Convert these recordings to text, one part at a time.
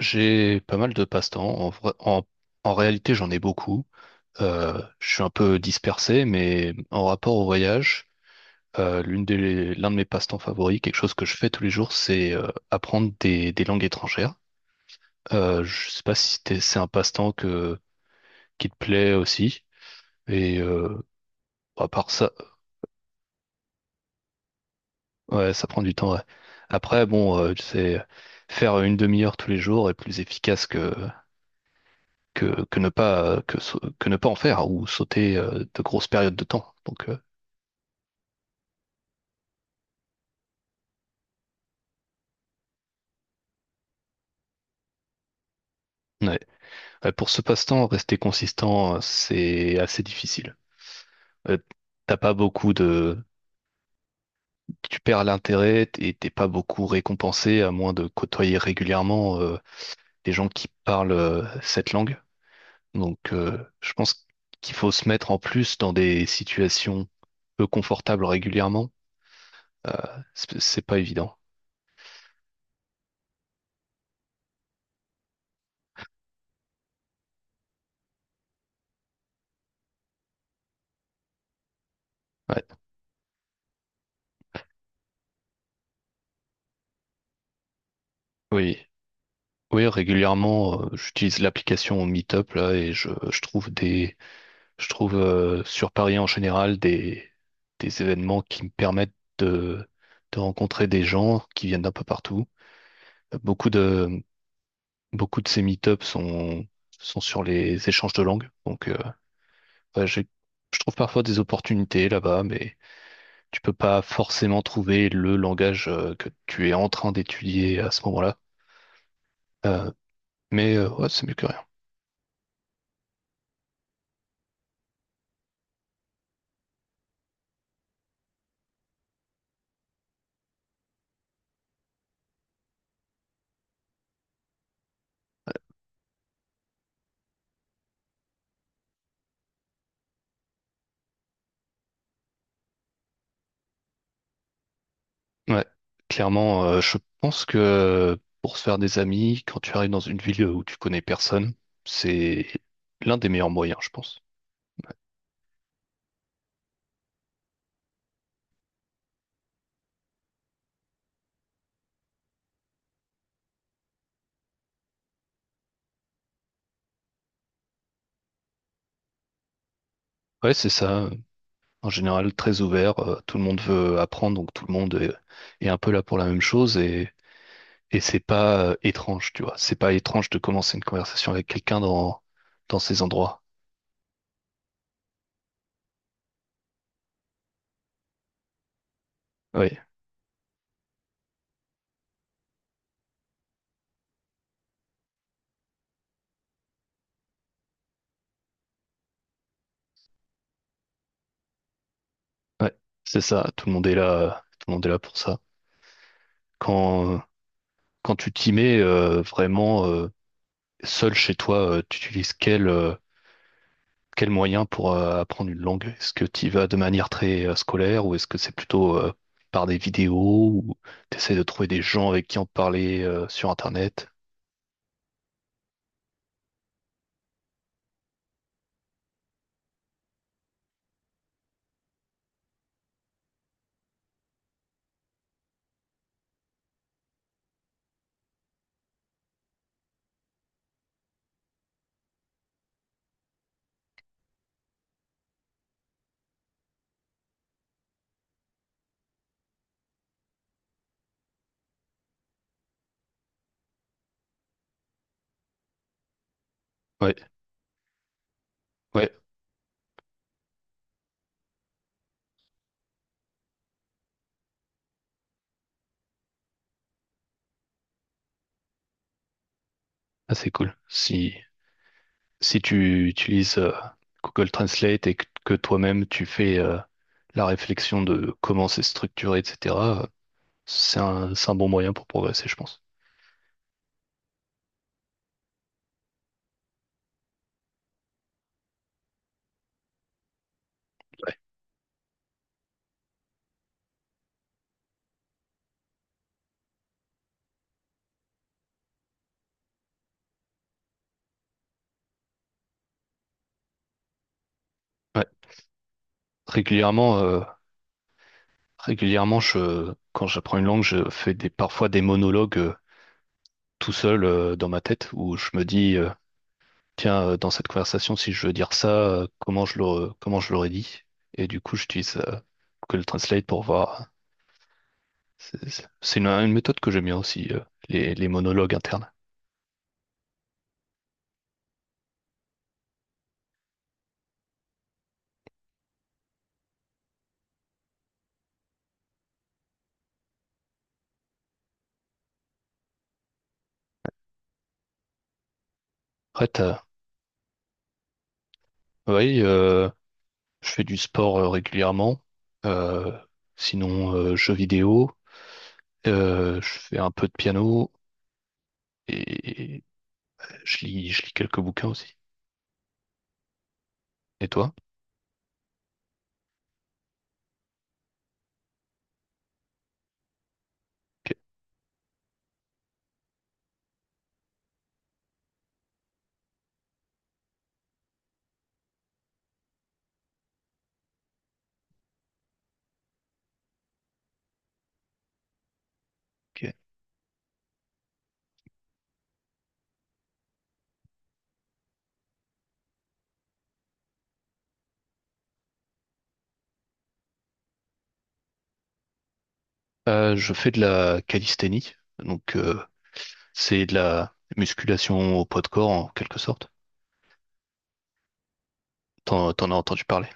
J'ai pas mal de passe-temps. En réalité, j'en ai beaucoup. Je suis un peu dispersé, mais en rapport au voyage, l'un de mes passe-temps favoris, quelque chose que je fais tous les jours, c'est apprendre des langues étrangères. Je sais pas si c'est un passe-temps qui te plaît aussi. Et euh, à part ça, ouais, ça prend du temps. Ouais. Après, bon, c'est faire une demi-heure tous les jours est plus efficace que ne pas en faire ou sauter de grosses périodes de temps. Ouais. Ouais, pour ce passe-temps, rester consistant, c'est assez difficile. Euh, t'as pas beaucoup de Tu perds l'intérêt et t'es pas beaucoup récompensé à moins de côtoyer régulièrement des gens qui parlent cette langue. Je pense qu'il faut se mettre en plus dans des situations peu confortables régulièrement. Euh, c'est pas évident. Ouais. Oui. Oui, régulièrement, j'utilise l'application Meetup là et je trouve je trouve sur Paris en général des événements qui me permettent de rencontrer des gens qui viennent d'un peu partout. Euh, Beaucoup de, beaucoup de ces Meetups sont sur les échanges de langues, ouais, je trouve parfois des opportunités là-bas, mais tu peux pas forcément trouver le langage que tu es en train d'étudier à ce moment-là. Euh, ouais, c'est mieux que rien. Ouais, clairement, je pense que pour se faire des amis, quand tu arrives dans une ville où tu connais personne, c'est l'un des meilleurs moyens, je pense. Ouais. Ouais, c'est ça. En général, très ouvert. Tout le monde veut apprendre, donc tout le monde est, est un peu là pour la même chose. Et c'est pas étrange, tu vois. C'est pas étrange de commencer une conversation avec quelqu'un dans ces endroits. Oui, ouais, c'est ça. Tout le monde est là, tout le monde est là pour ça. Quand, quand tu t'y mets vraiment seul chez toi, tu utilises quel moyen pour apprendre une langue? Est-ce que tu y vas de manière très scolaire ou est-ce que c'est plutôt par des vidéos ou t'essaies de trouver des gens avec qui en parler sur Internet? Ouais, ouais, ah, c'est cool. Si si tu utilises Google Translate et que toi-même tu fais la réflexion de comment c'est structuré, etc., euh, c'est un bon moyen pour progresser, je pense. Ouais. Régulièrement, je, quand j'apprends une langue, parfois des monologues tout seul dans ma tête où je me dis, tiens, dans cette conversation, si je veux dire ça, comment je l'aurais dit? Et du coup, j'utilise Google Translate pour voir. Une méthode que j'aime bien aussi, les monologues internes. Ouais, t'as- oui, je fais du sport régulièrement. Euh, Sinon, jeux vidéo. Je fais un peu de piano et je lis quelques bouquins aussi. Et toi? Ok, ok. Je fais de la calisthénie. Donc, c'est de la musculation au poids de corps en quelque sorte. T'en as entendu parler?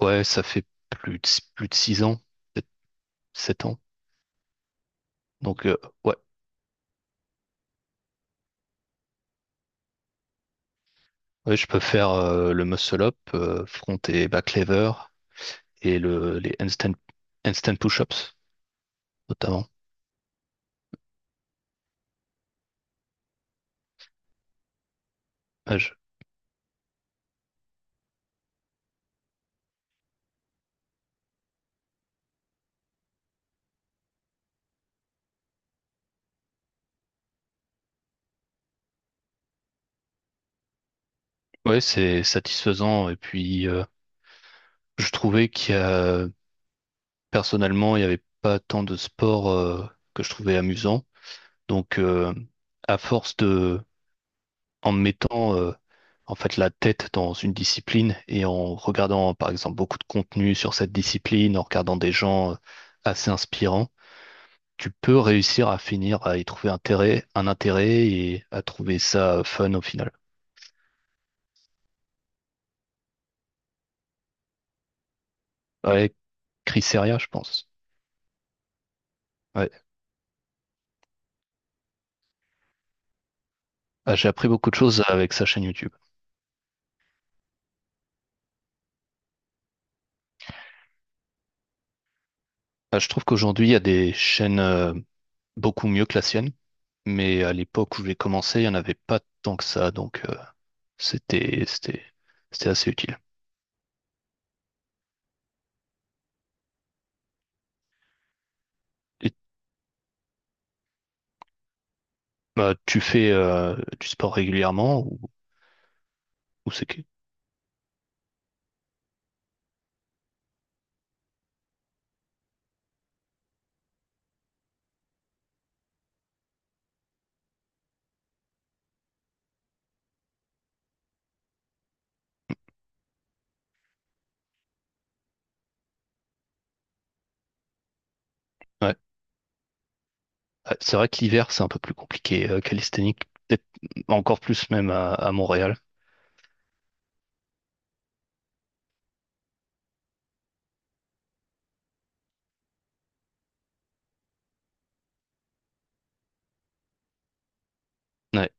Ouais, ça fait plus de, plus de 6 ans, peut-être 7 ans. Donc, ouais. Ouais, je peux faire le muscle up, front et back lever, et les handstand, handstand push-ups, notamment. Ouais, je- ouais, c'est satisfaisant. Et puis, je trouvais personnellement, il n'y avait pas tant de sports que je trouvais amusants. Donc, à force de, en mettant en fait la tête dans une discipline et en regardant, par exemple, beaucoup de contenu sur cette discipline, en regardant des gens assez inspirants, tu peux réussir à finir à y trouver un intérêt et à trouver ça fun au final. Ouais, Crisseria, je pense. Ouais. Ah, j'ai appris beaucoup de choses avec sa chaîne YouTube. Ah, je trouve qu'aujourd'hui, il y a des chaînes beaucoup mieux que la sienne, mais à l'époque où j'ai commencé, il n'y en avait pas tant que ça, c'était, c'était, c'était assez utile. Et, bah, tu fais du sport régulièrement ou c'est que... Ouais. Ah, c'est vrai que l'hiver, c'est un peu plus compliqué. Calisthénique, peut-être encore plus même à Montréal. Ouais,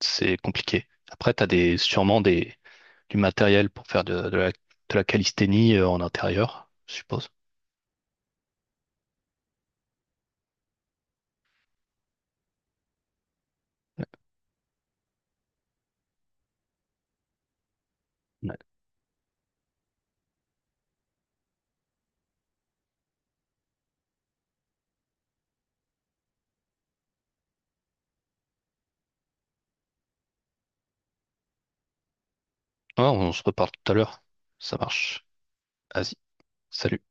c'est compliqué. Après, tu as sûrement du matériel pour faire de la calisthénie en intérieur, je suppose. Ouais. Ah, on se reparle tout à l'heure. Ça marche. Vas-y. Salut.